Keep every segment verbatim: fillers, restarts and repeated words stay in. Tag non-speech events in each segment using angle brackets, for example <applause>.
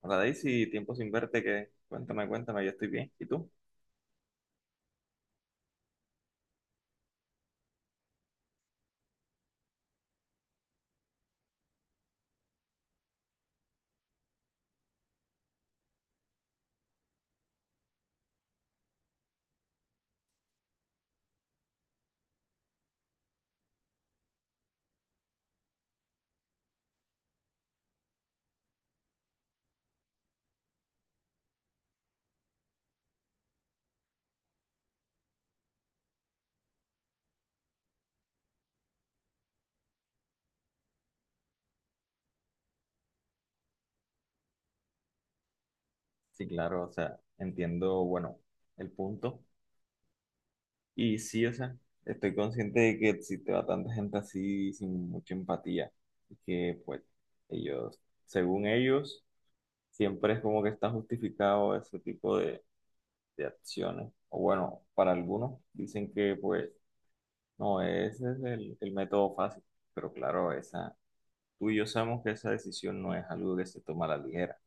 Hola Daisy, tiempo sin verte, que cuéntame, cuéntame, yo estoy bien. ¿Y tú? Sí, claro, o sea, entiendo, bueno, el punto. Y sí, o sea, estoy consciente de que existe bastante gente así sin mucha empatía. Y que pues ellos, según ellos, siempre es como que está justificado ese tipo de, de acciones. O bueno, para algunos dicen que pues no, ese es el, el método fácil. Pero claro, esa, tú y yo sabemos que esa decisión no es algo que se toma a la ligera.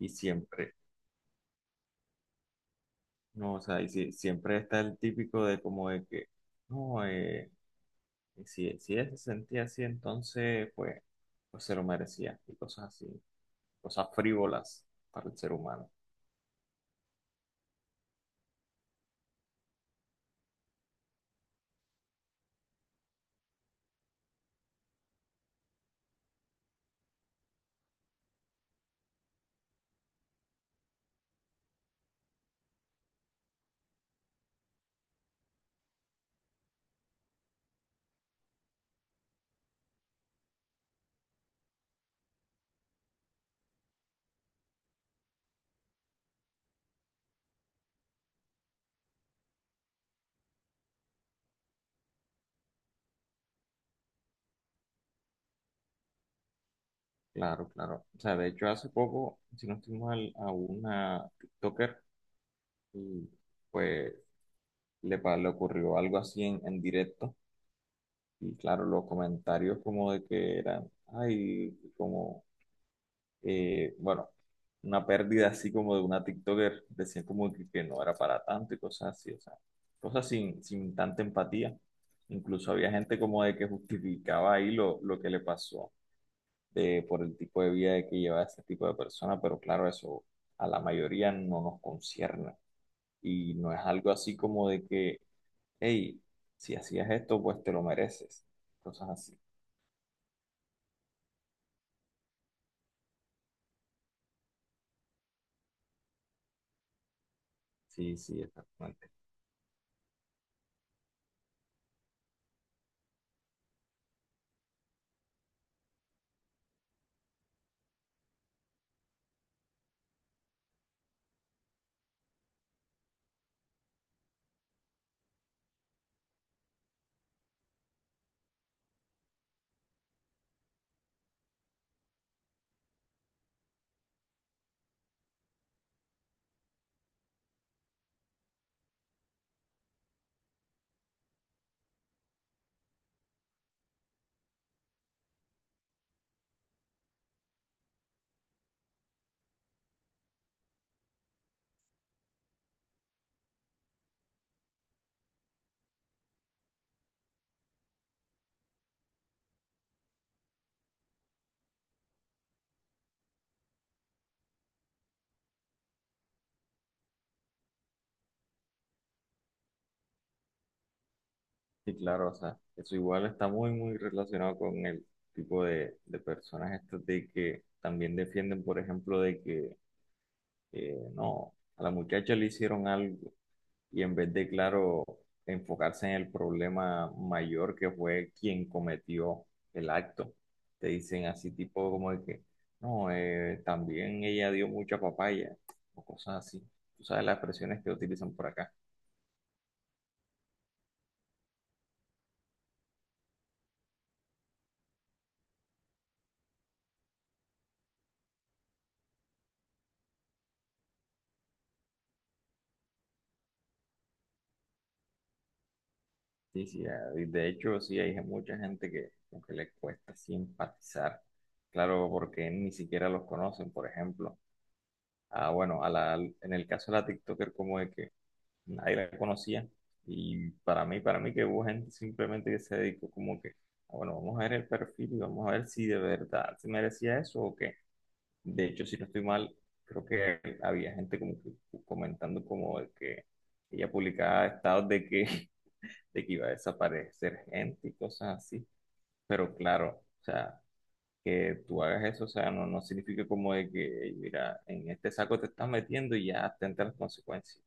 Y siempre, no, o sea, y si- siempre está el típico de como de que, no, eh, si, si ella se sentía así, entonces, pues, pues se lo merecía, y cosas así, cosas frívolas para el ser humano. Claro, claro. O sea, de hecho, hace poco, si no estoy mal, a una TikToker, y pues le, pa- le ocurrió algo así en, en directo, y claro, los comentarios como de que eran, ay, como eh, bueno, una pérdida así como de una TikToker, decían como que, que no era para tanto y cosas así, o sea, cosas sin, sin tanta empatía. Incluso había gente como de que justificaba ahí lo, lo que le pasó eh, por el tipo de vida de que lleva este tipo de persona, pero claro, eso a la mayoría no nos concierne y no es algo así como de que, hey, si hacías esto, pues te lo mereces, cosas así. Sí, sí, exactamente. Sí, claro, o sea, eso igual está muy, muy relacionado con el tipo de, de personas estas de que también defienden, por ejemplo, de que eh, no, a la muchacha le hicieron algo y en vez de, claro, enfocarse en el problema mayor que fue quien cometió el acto, te dicen así tipo como de que, no, eh, también ella dio mucha papaya o cosas así. Tú sabes las expresiones que utilizan por acá. Sí, sí, ah, y de hecho, sí, hay mucha gente que, como que le cuesta simpatizar, claro, porque ni siquiera los conocen, por ejemplo. Ah, bueno, a la, en el caso de la TikToker, como de que nadie la conocía, y para mí, para mí que hubo gente simplemente que se dedicó como que, ah, bueno, vamos a ver el perfil y vamos a ver si de verdad se merecía eso o qué. De hecho, si no estoy mal, creo que había gente como que comentando como de que ella publicaba estados de que de que iba a desaparecer gente y cosas así. Pero claro, o sea, que tú hagas eso, o sea, no, no significa como de que, "Ey, mira, en este saco te estás metiendo y ya atenta a las consecuencias".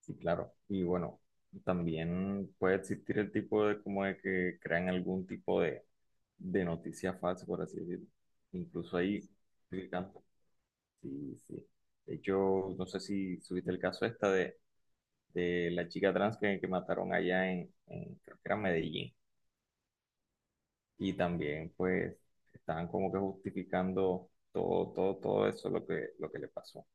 Sí, claro. Y bueno, también puede existir el tipo de como de que crean algún tipo de, de noticia falsa, por así decirlo. Incluso ahí, publican- sí, sí. De hecho, no sé si subiste el caso esta de, de la chica trans que, que mataron allá en, en, creo que era Medellín. Y también pues estaban como que justificando todo, todo, todo eso lo que, lo que le pasó.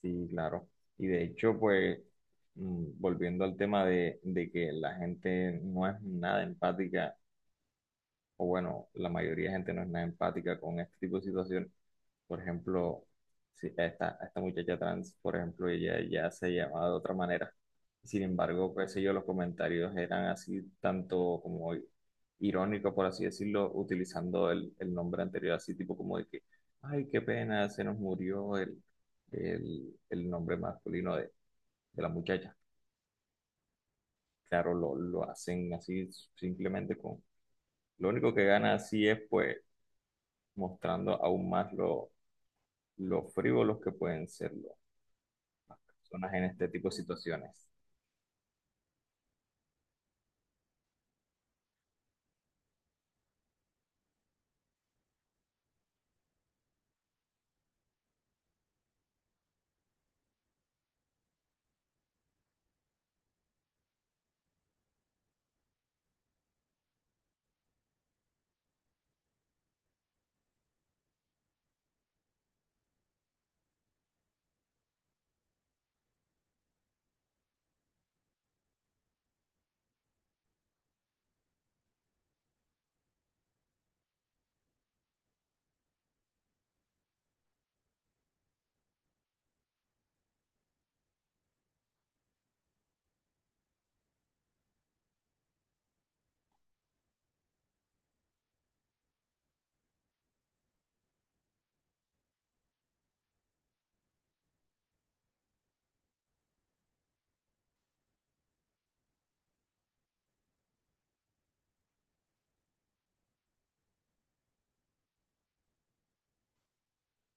Sí, claro. Y de hecho pues mm, volviendo al tema de, de que la gente no es nada empática o bueno, la mayoría de gente no es nada empática con este tipo de situación. Por ejemplo, si esta, esta muchacha trans, por ejemplo, ella ya se llamaba de otra manera. Sin embargo, qué sé yo, los comentarios eran así, tanto como irónicos, por así decirlo, utilizando el, el nombre anterior, así tipo como de que, ay, qué pena, se nos murió el, el, el nombre masculino de, de la muchacha. Claro, lo, lo hacen así simplemente con... Lo único que gana así es pues mostrando aún más lo, lo frívolos que pueden ser las personas en este tipo de situaciones.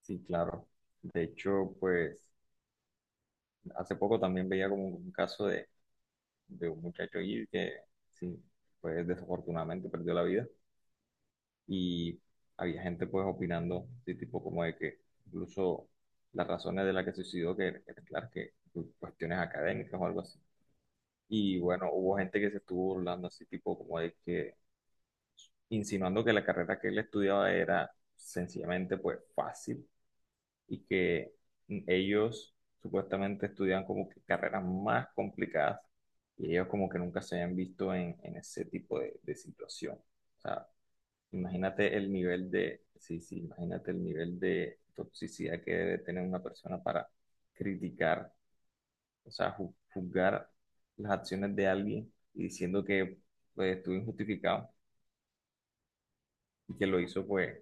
Sí, claro. De hecho, pues hace poco también veía como un caso de, de un muchacho ahí que, sí, pues desafortunadamente perdió la vida y había gente pues opinando, sí, tipo como de que incluso las razones de las que se suicidó, que, que claro, que cuestiones académicas o algo así. Y bueno, hubo gente que se estuvo burlando así tipo como de que insinuando que la carrera que él estudiaba era sencillamente pues fácil y que ellos supuestamente estudian como que carreras más complicadas y ellos como que nunca se habían visto en, en ese tipo de, de situación. O sea, imagínate el nivel de, sí, sí, imagínate el nivel de toxicidad que debe tener una persona para criticar, o sea, ju- juzgar las acciones de alguien y diciendo que pues, estuvo injustificado y que lo hizo pues...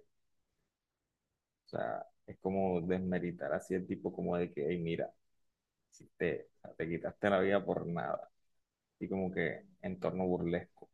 O sea, es como desmeritar así el tipo como de que, hey, mira, si te, o sea, te quitaste la vida por nada. Y como que en torno burlesco.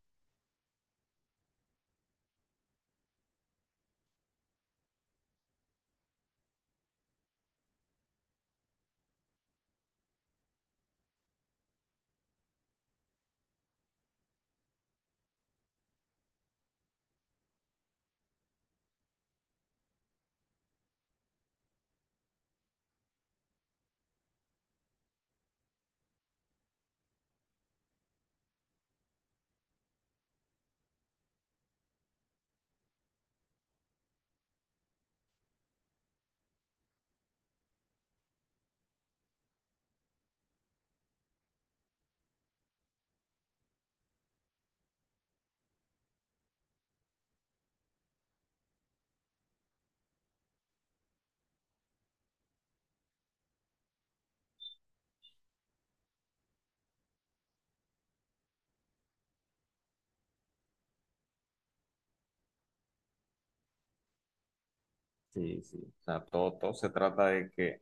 Sí, sí. O sea, todo, todo se trata de que,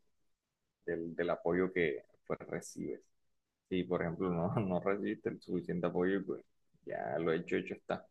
del, del apoyo que pues, recibes. Si, por ejemplo, <laughs> no, no recibiste el suficiente apoyo, pues ya lo hecho, hecho está.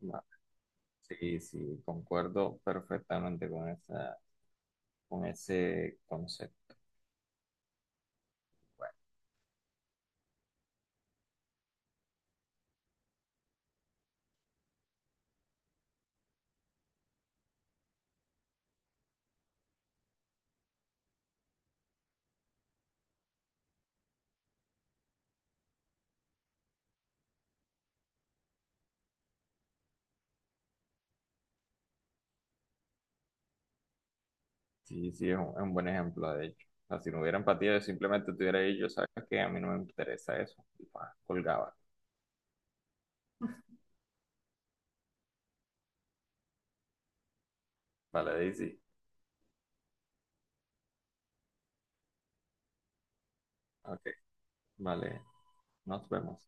Ma- Sí, sí, concuerdo perfectamente con esa, con ese concepto. Sí, sí, es un, es un buen ejemplo, de hecho. O sea, si no hubiera empatía, yo simplemente tuviera hubiera dicho, ¿sabes qué? A mí no me interesa eso. Y pa, colgaba. Vale, Daisy. Ok, vale. Nos vemos.